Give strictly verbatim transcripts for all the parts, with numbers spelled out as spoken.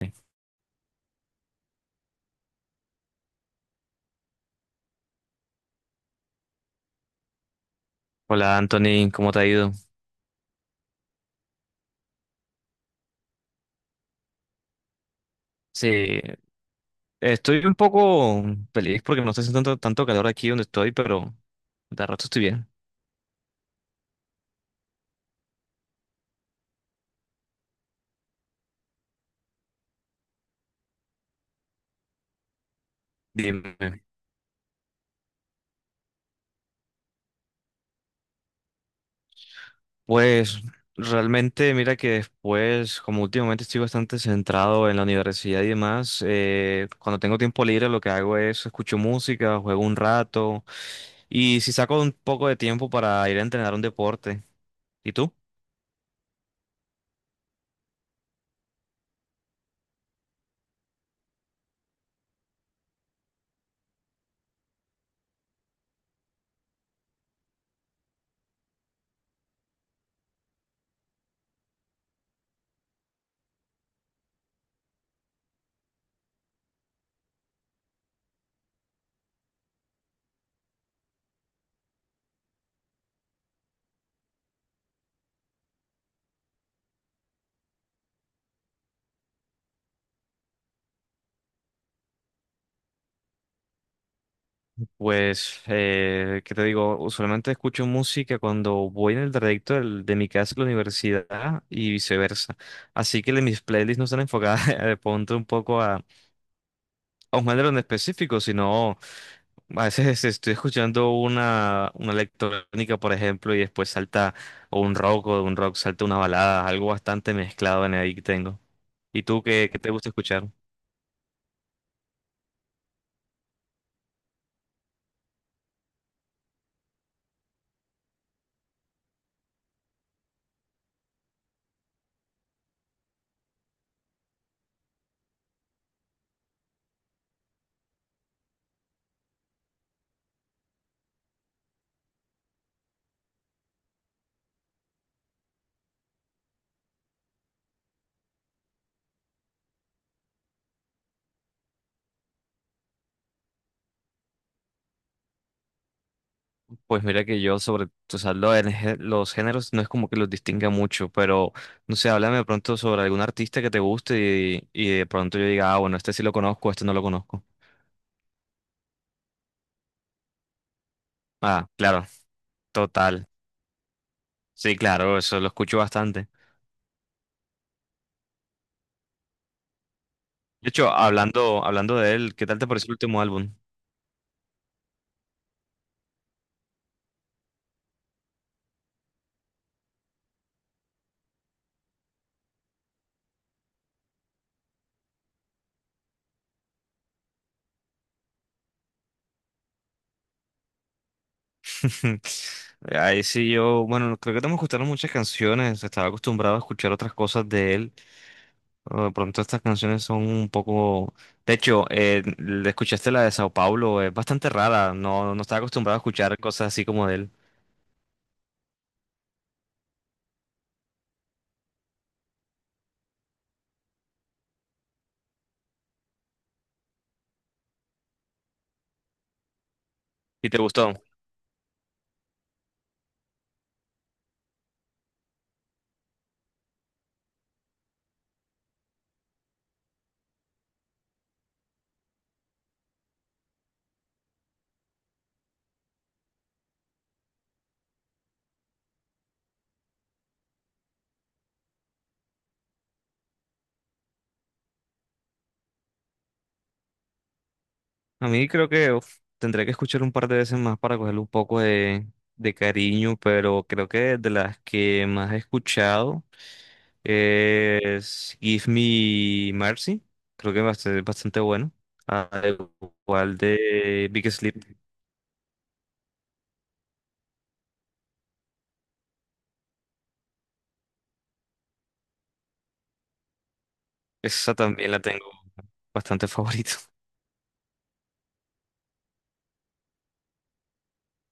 Sí. Hola Anthony, ¿cómo te ha ido? Sí, estoy un poco feliz porque no está haciendo tanto, tanto calor aquí donde estoy, pero de rato estoy bien. Dime. Pues realmente mira que después, como últimamente estoy bastante centrado en la universidad y demás, eh, cuando tengo tiempo libre lo que hago es escucho música, juego un rato y si saco un poco de tiempo para ir a entrenar un deporte. ¿Y tú? Pues, eh, ¿qué te digo? Usualmente escucho música cuando voy en el trayecto del- de mi casa a la universidad y viceversa. Así que le- mis playlists no están enfocadas de pronto un poco a, a un género en específico, sino a veces estoy escuchando una, una electrónica, por ejemplo, y después salta o un rock o de un rock salta una balada, algo bastante mezclado en ahí que tengo. ¿Y tú qué, qué te gusta escuchar? Pues mira que yo sobre, o sea, lo del gé- los géneros no es como que los distinga mucho, pero no sé, háblame de pronto sobre algún artista que te guste y, y de pronto yo diga, ah, bueno, este sí lo conozco, este no lo conozco. Ah, claro, total. Sí, claro, eso lo escucho bastante. De hecho, hablando, hablando de él, ¿qué tal te pareció el último álbum? Ahí sí yo, bueno, creo que no me gustaron muchas canciones, estaba acostumbrado a escuchar otras cosas de él. Oh, de pronto estas canciones son un poco. De hecho, eh, l- escuchaste la de Sao Paulo, es bastante rara, no, no estaba acostumbrado a escuchar cosas así como de él. ¿Y te gustó? A mí creo que uf, tendré que escuchar un par de veces más para cogerle un poco de, de cariño, pero creo que de las que más he escuchado es Give Me Mercy, creo que es bastante bastante bueno, al igual de Big Sleep, esa también la tengo bastante favorito.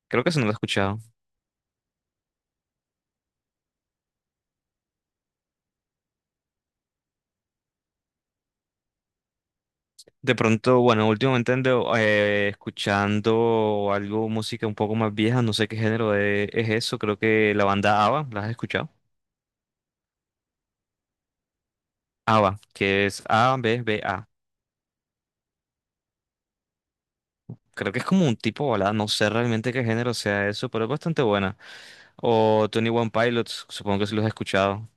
Creo que eso no la he escuchado. De pronto, bueno, últimamente ando eh, escuchando algo, música un poco más vieja, no sé qué género de- es eso, creo que la banda ABBA, ¿la has escuchado? ABBA, que es A, B, B, A. Creo que es como un tipo balada, no sé realmente qué género sea eso, pero es bastante buena. O Tony One Pilots, supongo que sí los has escuchado.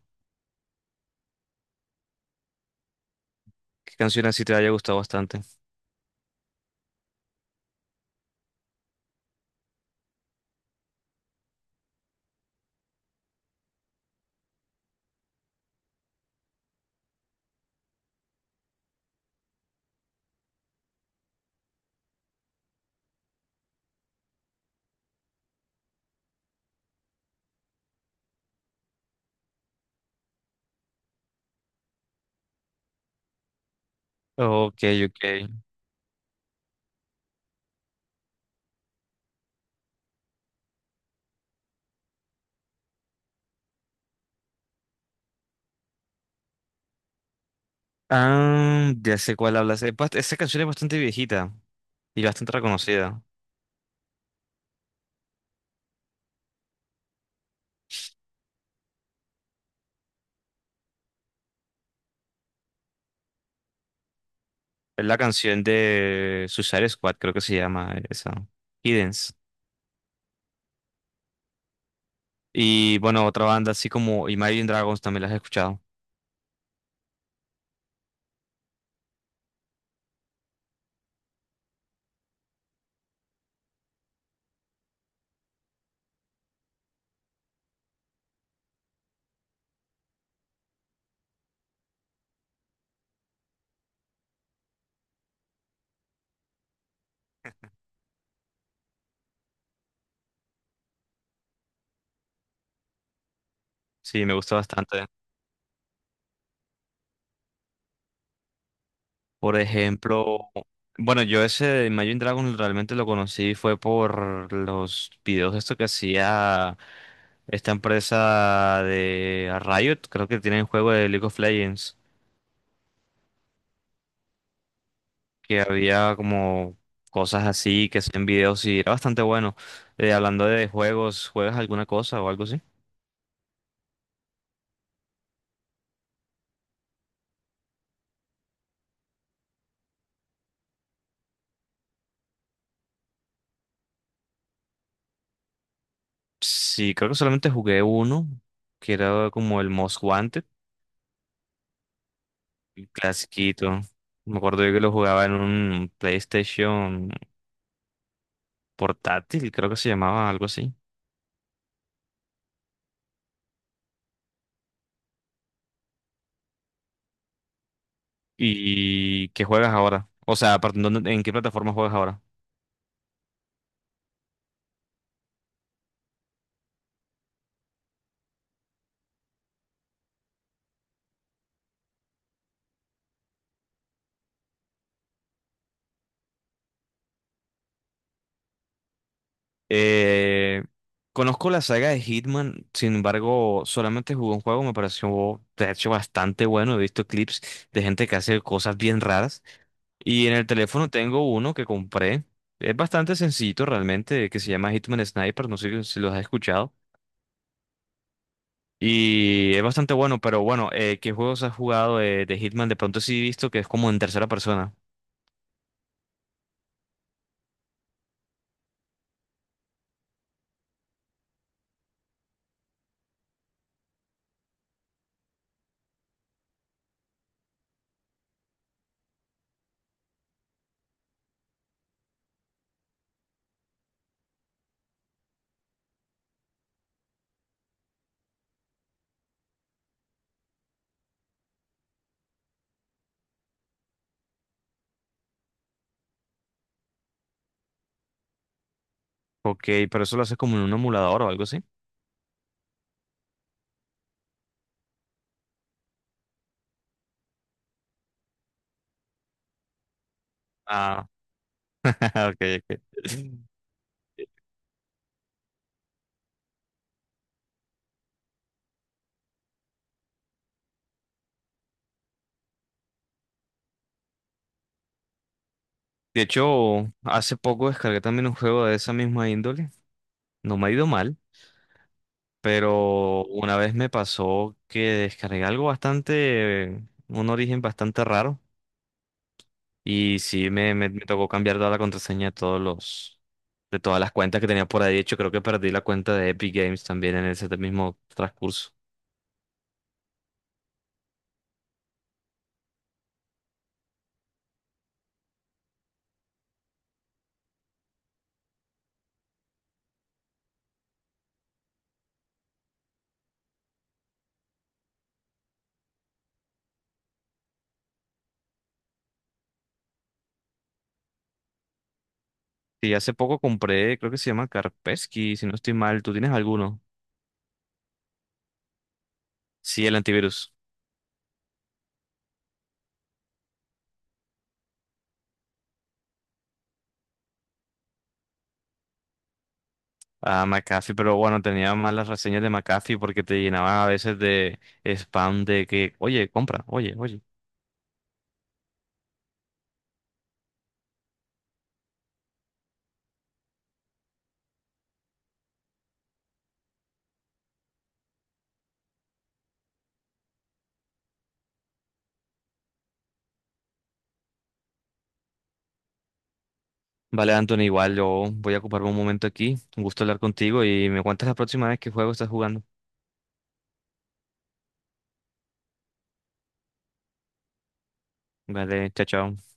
¿Qué canción así te haya gustado bastante? Ok, ok. Ah, ya sé cuál hablas. Es bast- Esa canción es bastante viejita y bastante reconocida. Es la canción de Suicide Squad, creo que se llama esa. Hiddens. Y bueno, otra banda así como Imagine Dragons también las he escuchado. Sí, me gusta bastante. Por ejemplo, bueno, yo ese de Imagine Dragons realmente lo conocí fue por los videos de esto que hacía esta empresa de Riot, creo que tienen juego de League of Legends, que había como cosas así que hacían videos y era bastante bueno. Eh, hablando de juegos, ¿juegas alguna cosa o algo así? Sí, creo que solamente jugué uno, que era como el Most Wanted, el clasiquito. Me acuerdo yo que lo jugaba en un PlayStation portátil, creo que se llamaba algo así. ¿Y qué juegas ahora? O sea, aparte, ¿en dónde- ¿en qué plataforma juegas ahora? Eh, conozco la saga de Hitman, sin embargo, solamente jugué un juego, me pareció de hecho bastante bueno. He visto clips de gente que hace cosas bien raras. Y en el teléfono tengo uno que compré. Es bastante sencillito realmente, que se llama Hitman Sniper, no sé si los has escuchado. Y es bastante bueno, pero bueno, eh, ¿qué juegos has jugado eh, de Hitman? De pronto sí he visto que es como en tercera persona. Ok, pero eso lo haces como en un emulador o algo así. Ah, ok, ok. De hecho, hace poco descargué también un juego de esa misma índole. No me ha ido mal, pero una vez me pasó que descargué algo bastante, un origen bastante raro. Y sí, me, me, me tocó cambiar toda la contraseña de todos los, de todas las cuentas que tenía por ahí. De hecho, creo que perdí la cuenta de Epic Games también en ese mismo transcurso. Y hace poco compré, creo que se llama Kaspersky, si no estoy mal. ¿Tú tienes alguno? Sí, el antivirus. Ah, McAfee, pero bueno, tenía malas reseñas de McAfee porque te llenaban a veces de spam de que, oye, compra, oye, oye. Vale, Anthony, igual yo voy a ocuparme un momento aquí. Un gusto hablar contigo y me cuentas la próxima vez qué juego estás jugando. Vale, chao, chao.